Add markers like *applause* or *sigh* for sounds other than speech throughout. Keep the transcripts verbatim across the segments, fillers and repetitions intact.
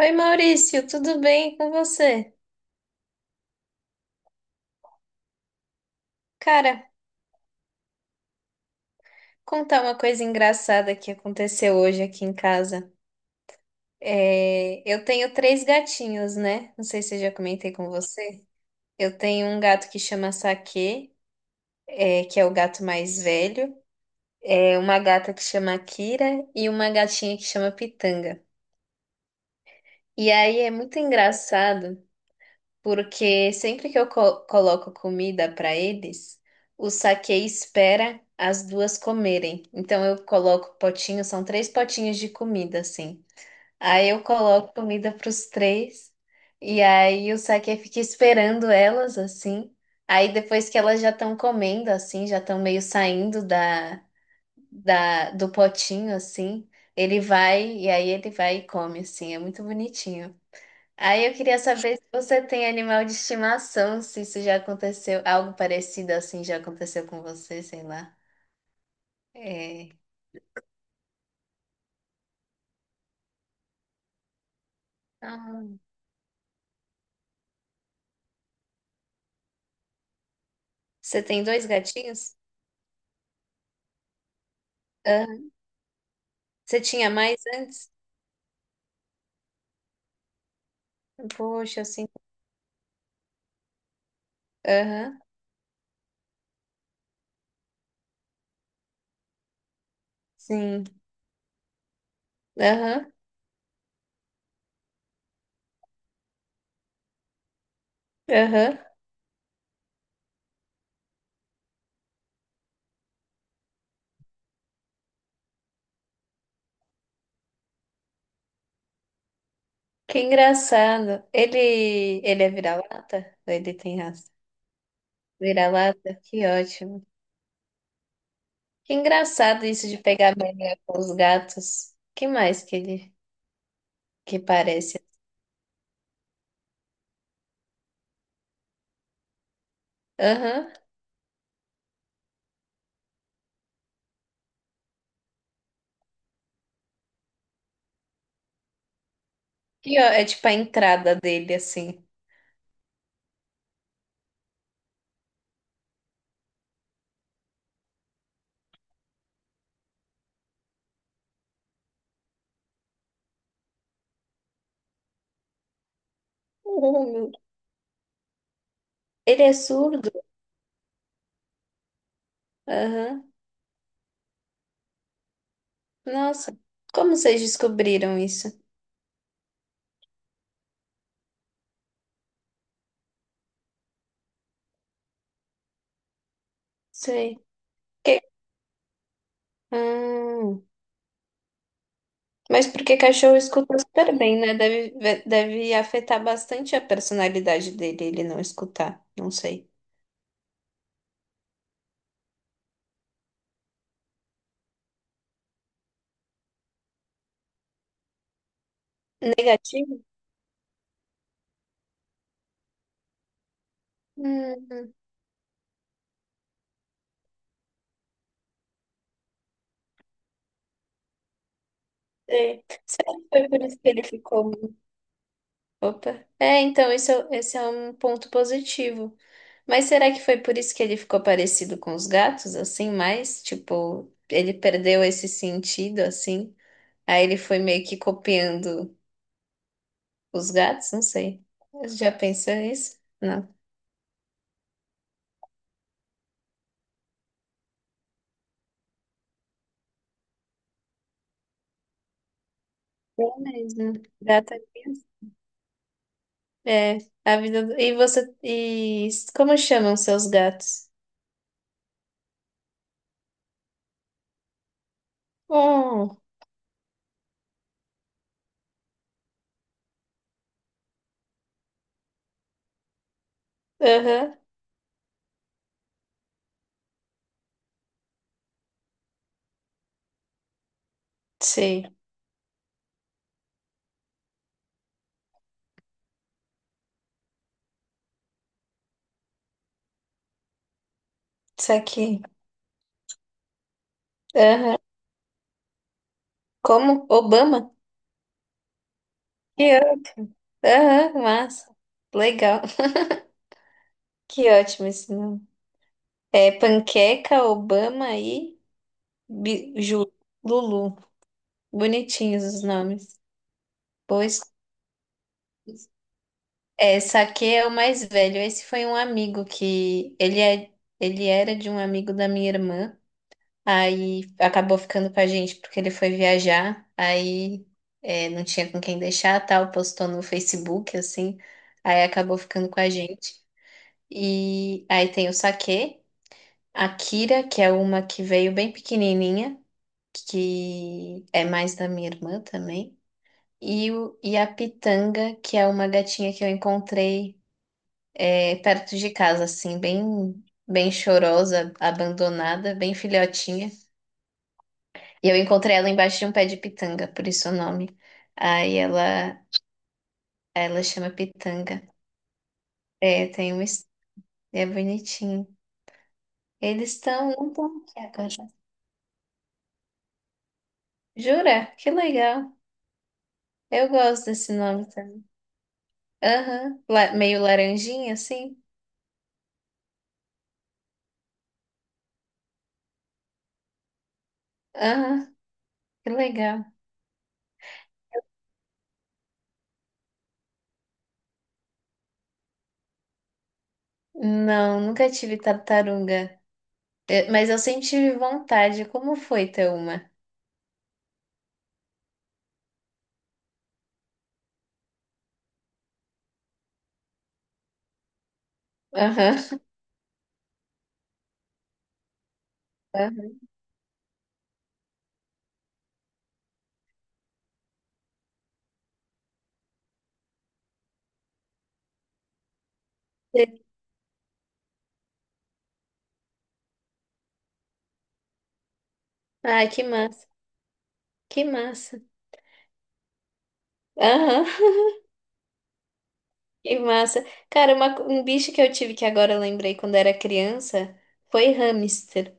Oi Maurício, tudo bem com você? Cara, contar uma coisa engraçada que aconteceu hoje aqui em casa. É, eu tenho três gatinhos, né? Não sei se eu já comentei com você. Eu tenho um gato que chama Saque, é, que é o gato mais velho. É uma gata que chama Kira e uma gatinha que chama Pitanga. E aí é muito engraçado, porque sempre que eu co- coloco comida para eles, o Saque espera as duas comerem. Então eu coloco potinhos, são três potinhos de comida assim. Aí eu coloco comida para os três e aí o Saque fica esperando elas assim. Aí depois que elas já estão comendo assim, já estão meio saindo da, da do potinho assim, ele vai e aí ele vai e come assim, é muito bonitinho. Aí eu queria saber se você tem animal de estimação, se isso já aconteceu, algo parecido assim já aconteceu com você, sei lá. É. Ah. Você tem dois gatinhos? Aham. Você tinha mais antes? Poxa, assim. Aham, sim. Aham, aham. Que engraçado. Ele, ele é vira-lata? Ou ele tem raça? Vira-lata? Que ótimo. Que engraçado isso de pegar mania com os gatos. Que mais que ele que parece? Aham. E ó, é tipo a entrada dele, assim. *laughs* Oh, meu- Ele é surdo? Aham. Nossa, como vocês descobriram isso? Sei. Que... Hum. Mas porque cachorro escuta super bem, né? Deve, deve afetar bastante a personalidade dele, ele não escutar. Não sei. Negativo? Hum, sei. Será que foi por isso que ele ficou... Opa. É, então, isso, é- esse é um ponto positivo. Mas será que foi por isso que ele ficou parecido com os gatos, assim, mais? Tipo, ele perdeu esse sentido, assim? Aí ele foi meio que copiando os gatos? Não sei. Você já pensou nisso? Não. É mesmo. Gato é criança. É, a vida do... E você... E como chamam seus gatos? Hum, aham, sei. Isso aqui. Aham. Como? Obama? Aham, massa. Legal. Que ótimo esse nome. É Panqueca, Obama e Bi- Ju, Lulu. Bonitinhos os nomes. Pois é, Saque é o mais velho. Esse foi um amigo que ele é, ele era de um amigo da minha irmã. Aí acabou ficando com a gente porque ele foi viajar. Aí é, não tinha com quem deixar, tal, postou no Facebook assim. Aí acabou ficando com a gente. E aí tem o Saque. A Kira, que é uma que veio bem pequenininha, que é mais da minha irmã também. E, o, e a Pitanga, que é uma gatinha que eu encontrei é, perto de casa, assim, bem, bem chorosa, abandonada, bem filhotinha. E eu encontrei ela embaixo de um pé de pitanga, por isso o nome. Aí ela, ela chama Pitanga. É, tem um, es- é bonitinho. Eles estão, não estão aqui agora. Jura? Que legal. Eu gosto desse nome. Aham, la- meio laranjinha assim. Aham, que legal. Não, nunca tive tartaruga. É, mas eu sempre tive vontade. Como foi ter uma? Aham. Aham. Ai, que massa, que massa. Aham, *laughs* que massa. Cara, uma co- um bicho que eu tive que agora eu lembrei quando era criança foi hamster.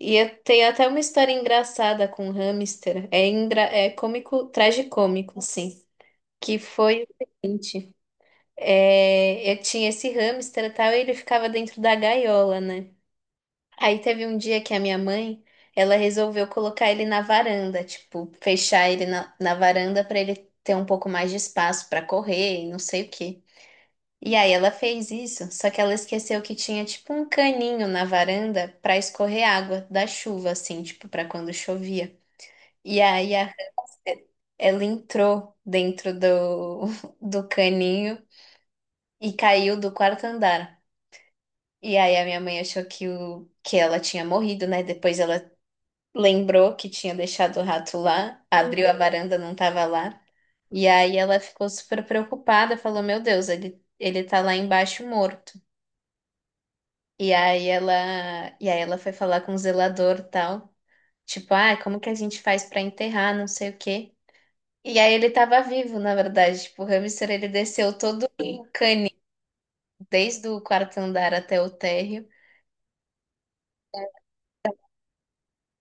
E eu tenho até uma história engraçada com hamster. É, engra... é cômico, tragicômico, assim. Que foi o seguinte. É, eu tinha esse hamster e tal, e ele ficava dentro da gaiola, né? Aí teve um dia que a minha mãe, ela resolveu colocar ele na varanda, tipo, fechar ele na, na varanda para ele ter um pouco mais de espaço para correr e não sei o quê. E aí ela fez isso, só que ela esqueceu que tinha tipo um caninho na varanda para escorrer água da chuva, assim, tipo, para quando chovia. E aí a ela entrou dentro do, *laughs* do caninho e caiu do quarto andar. E aí a minha mãe achou que, o, que ela tinha morrido, né? Depois ela lembrou que tinha deixado o rato lá, abriu a... Uhum. Varanda, não tava lá. E aí ela ficou super preocupada, falou: "Meu Deus, ele ele tá lá embaixo morto". E aí ela e aí ela foi falar com o zelador, e tal, tipo: "Ah, como que a gente faz pra enterrar, não sei o quê". E aí ele tava vivo, na verdade, tipo, o hamster, ele desceu todo desde o quarto andar até o térreo.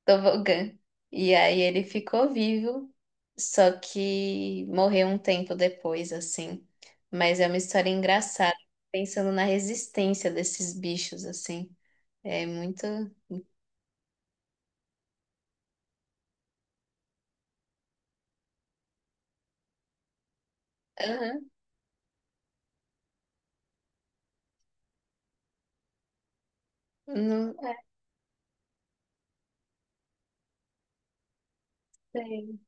Tobogã. E aí ele ficou vivo, só que morreu um tempo depois, assim. Mas é uma história engraçada, pensando na resistência desses bichos, assim. É muito. Aham. Não sei.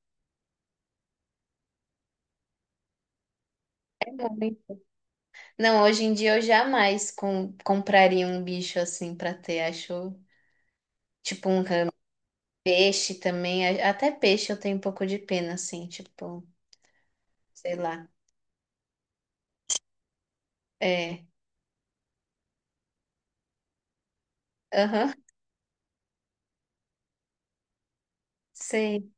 É muito. Não, hoje em dia eu jamais com- compraria um bicho assim pra ter. Acho tipo um ramo. Peixe também. a- Até peixe eu tenho um pouco de pena, assim, tipo, sei lá. É. Aham. Sei.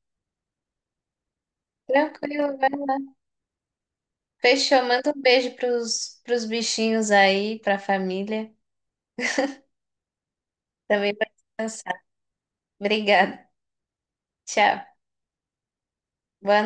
Tranquilo, vai lá. Fechou, manda um beijo pros, pros bichinhos aí, pra família. Também pra descansar. Obrigada. Tchau. Boa noite.